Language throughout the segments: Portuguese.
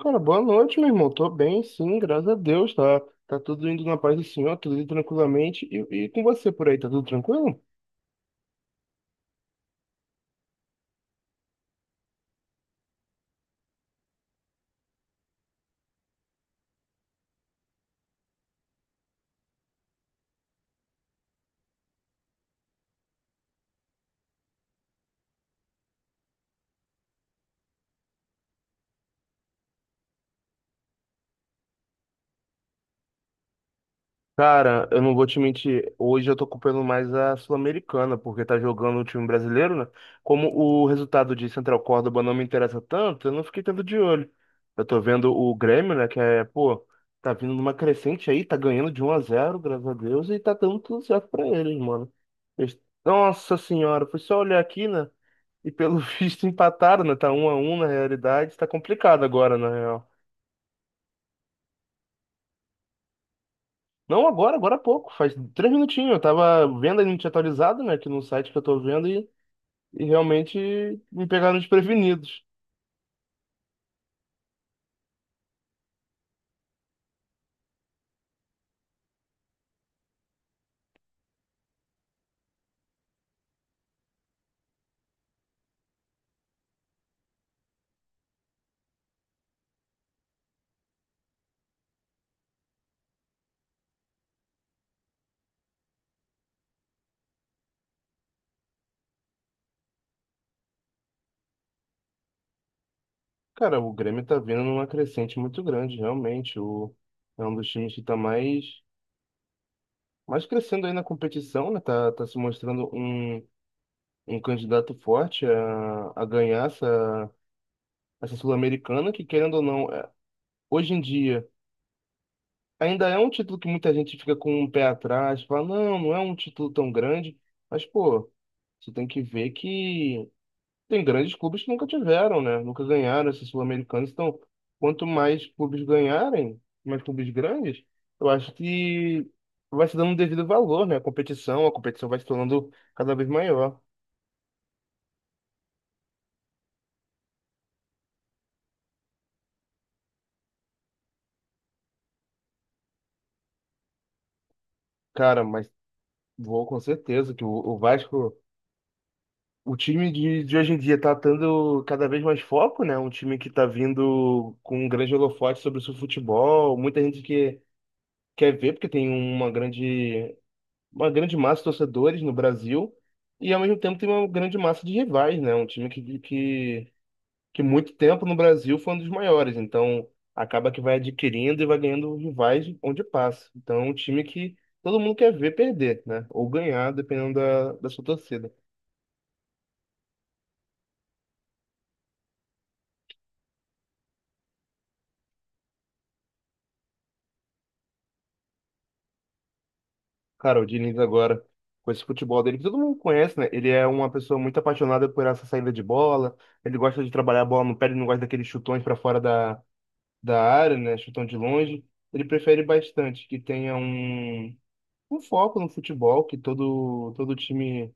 Cara, boa noite, meu irmão. Tô bem, sim, graças a Deus, tá? Tá tudo indo na paz do Senhor, tudo indo tranquilamente. E com você por aí, tá tudo tranquilo? Cara, eu não vou te mentir, hoje eu tô culpando mais a Sul-Americana, porque tá jogando o time brasileiro, né? Como o resultado de Central Córdoba não me interessa tanto, eu não fiquei tanto de olho. Eu tô vendo o Grêmio, né, que é, pô, tá vindo numa crescente aí, tá ganhando de 1 a 0, graças a Deus, e tá dando tudo certo pra eles, mano. Eles- Nossa senhora, foi só olhar aqui, né? E pelo visto empataram, né? Tá 1 a 1 na realidade, tá complicado agora, né? Não agora, agora há pouco, faz três minutinhos. Eu tava vendo a gente atualizado, né, aqui no site que eu tô vendo e realmente me pegaram desprevenidos. Cara, o Grêmio tá vindo numa crescente muito grande, realmente. É um dos times que tá mais crescendo aí na competição, né? Tá se mostrando um candidato forte a ganhar essa Sul-Americana, que querendo ou não, hoje em dia ainda é um título que muita gente fica com um pé atrás, fala, não, não é um título tão grande, mas, pô, você tem que ver que tem grandes clubes que nunca tiveram, né? Nunca ganharam esses sul-americanos, então, quanto mais clubes ganharem, mais clubes grandes, eu acho que vai se dando um devido valor, né? A competição vai se tornando cada vez maior. Cara, mas vou com certeza que o Vasco. O time de hoje em dia tá tendo cada vez mais foco, né? Um time que tá vindo com um grande holofote sobre o seu futebol. Muita gente que quer ver, porque tem uma uma grande massa de torcedores no Brasil. E ao mesmo tempo tem uma grande massa de rivais, né? Um time que muito tempo no Brasil foi um dos maiores. Então acaba que vai adquirindo e vai ganhando rivais onde passa. Então é um time que todo mundo quer ver perder, né? Ou ganhar, dependendo da sua torcida. Cara, o Diniz agora, com esse futebol dele, que todo mundo conhece, né? Ele é uma pessoa muito apaixonada por essa saída de bola. Ele gosta de trabalhar a bola no pé, ele não gosta daqueles chutões para fora da área, né? Chutão de longe. Ele prefere bastante que tenha um foco no futebol, que todo time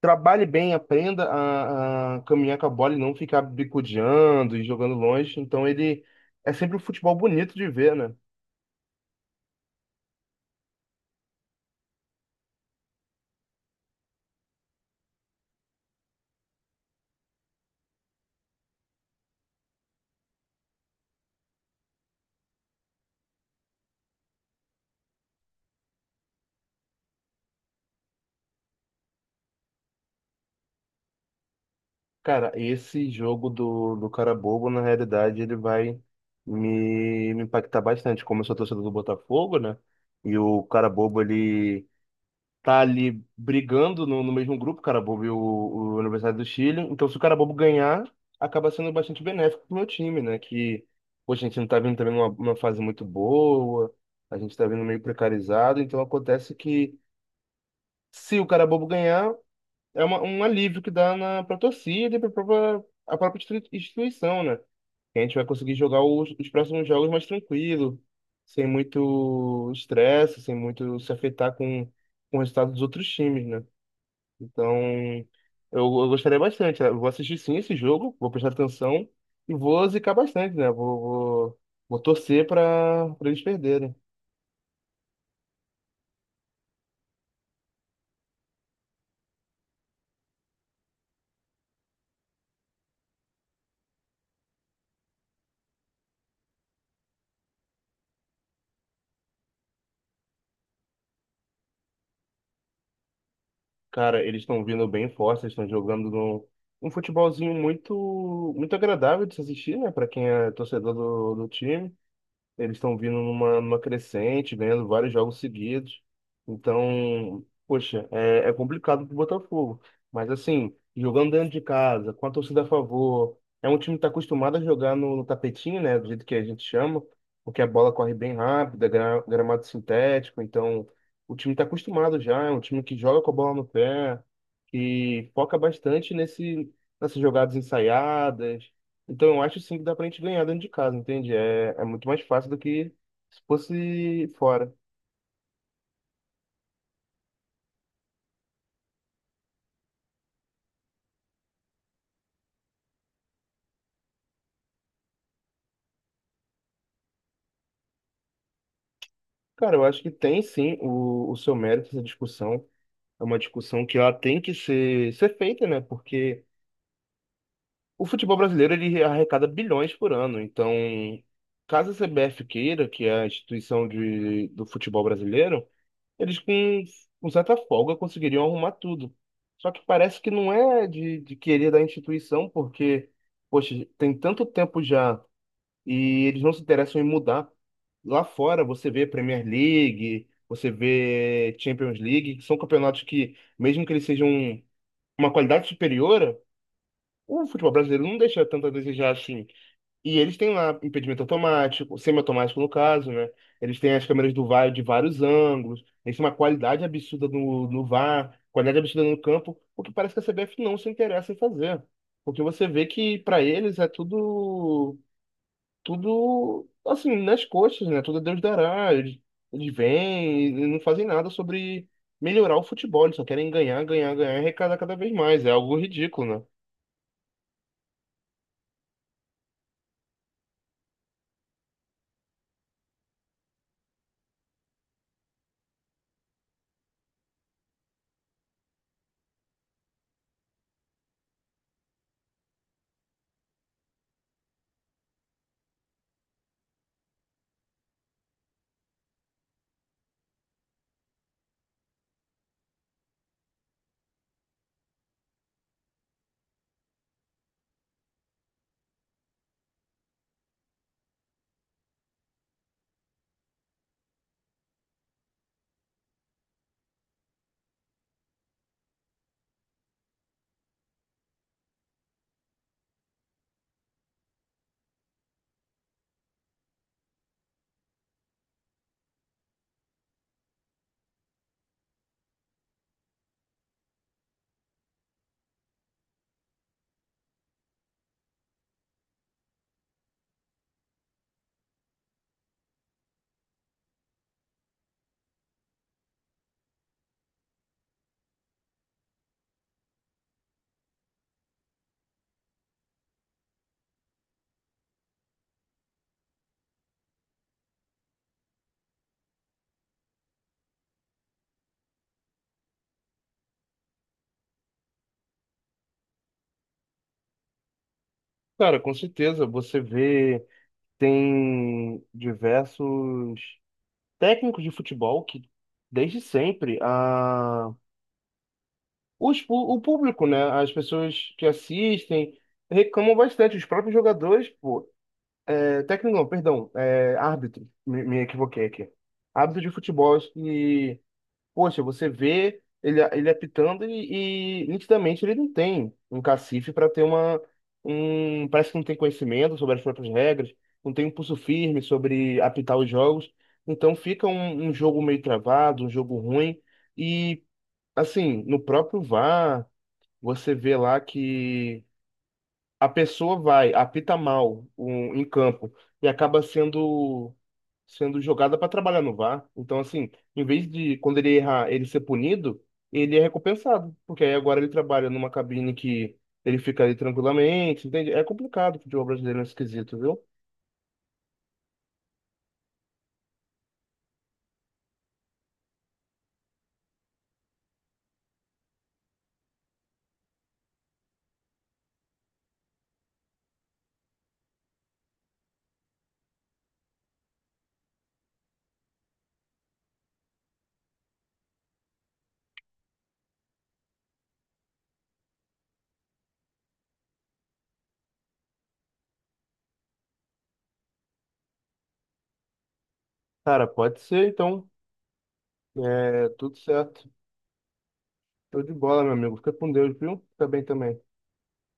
trabalhe bem, aprenda a caminhar com a bola e não ficar bicudeando e jogando longe. Então ele é sempre um futebol bonito de ver, né? Cara, esse jogo do cara bobo, na realidade, ele vai me impactar bastante. Como eu sou torcedor do Botafogo, né? E o cara bobo, ele tá ali brigando no mesmo grupo, o cara bobo e o Universidade do Chile. Então, se o cara bobo ganhar, acaba sendo bastante benéfico pro meu time, né? Que, poxa, a gente não tá vindo também numa, numa fase muito boa, a gente tá vindo meio precarizado. Então, acontece que se o cara bobo ganhar é uma, um alívio que dá na, pra torcida e pra própria, a própria instituição, né? Que a gente vai conseguir jogar os próximos jogos mais tranquilo, sem muito estresse, sem muito se afetar com o resultado dos outros times, né? Então, eu gostaria bastante. Eu vou assistir sim esse jogo, vou prestar atenção e vou zicar bastante, né? Vou torcer para eles perderem. Cara, eles estão vindo bem fortes, eles estão jogando num, um futebolzinho muito agradável de se assistir, né? Para quem é torcedor do time. Eles estão vindo numa, numa crescente, ganhando vários jogos seguidos. Então, poxa, é complicado pro Botafogo. Mas assim, jogando dentro de casa, com a torcida a favor, é um time que está acostumado a jogar no tapetinho, né? Do jeito que a gente chama, porque a bola corre bem rápida, gramado sintético. Então, o time está acostumado já. É um time que joga com a bola no pé, que foca bastante nesse, nessas jogadas ensaiadas, então eu acho sim que dá pra gente ganhar dentro de casa, entende? É muito mais fácil do que se fosse fora. Cara, eu acho que tem sim o seu mérito essa discussão. É uma discussão que ela tem que ser feita, né? Porque o futebol brasileiro ele arrecada bilhões por ano. Então, caso a CBF queira, que é a instituição do futebol brasileiro, eles com certa folga conseguiriam arrumar tudo. Só que parece que não é de querer da instituição, porque, poxa, tem tanto tempo já e eles não se interessam em mudar. Lá fora você vê Premier League, você vê Champions League, que são campeonatos que, mesmo que eles sejam uma qualidade superior, o futebol brasileiro não deixa tanto a desejar assim. E eles têm lá impedimento automático, semiautomático no caso, né? Eles têm as câmeras do VAR de vários ângulos, eles têm uma qualidade absurda no VAR, qualidade absurda no campo, o que parece que a CBF não se interessa em fazer. Porque você vê que para eles é tudo assim nas costas, né? Tudo é Deus dará. Eles vêm e não fazem nada sobre melhorar o futebol, eles só querem ganhar, ganhar, ganhar e arrecadar cada vez mais. É algo ridículo, né? Cara, com certeza, você vê, tem diversos técnicos de futebol que desde sempre a o público, né? As pessoas que assistem reclamam bastante, os próprios jogadores, pô, Técnico não, perdão, é, árbitro, me equivoquei aqui. Árbitro de futebol que, poxa, você vê ele, ele apitando e nitidamente ele não tem um cacife para ter uma, um, parece que não tem conhecimento sobre as próprias regras, não tem um pulso firme sobre apitar os jogos, então fica um jogo meio travado, um jogo ruim e, assim, no próprio VAR, você vê lá que a pessoa vai, apita mal em campo e acaba sendo jogada para trabalhar no VAR. Então, assim, em vez de quando ele errar, ele ser punido, ele é recompensado, porque aí agora ele trabalha numa cabine que ele fica ali tranquilamente, entende? É complicado, o futebol brasileiro é esquisito, viu? Cara, pode ser, então. É, tudo certo. Show de bola, meu amigo. Fica com Deus, viu? Fica bem também.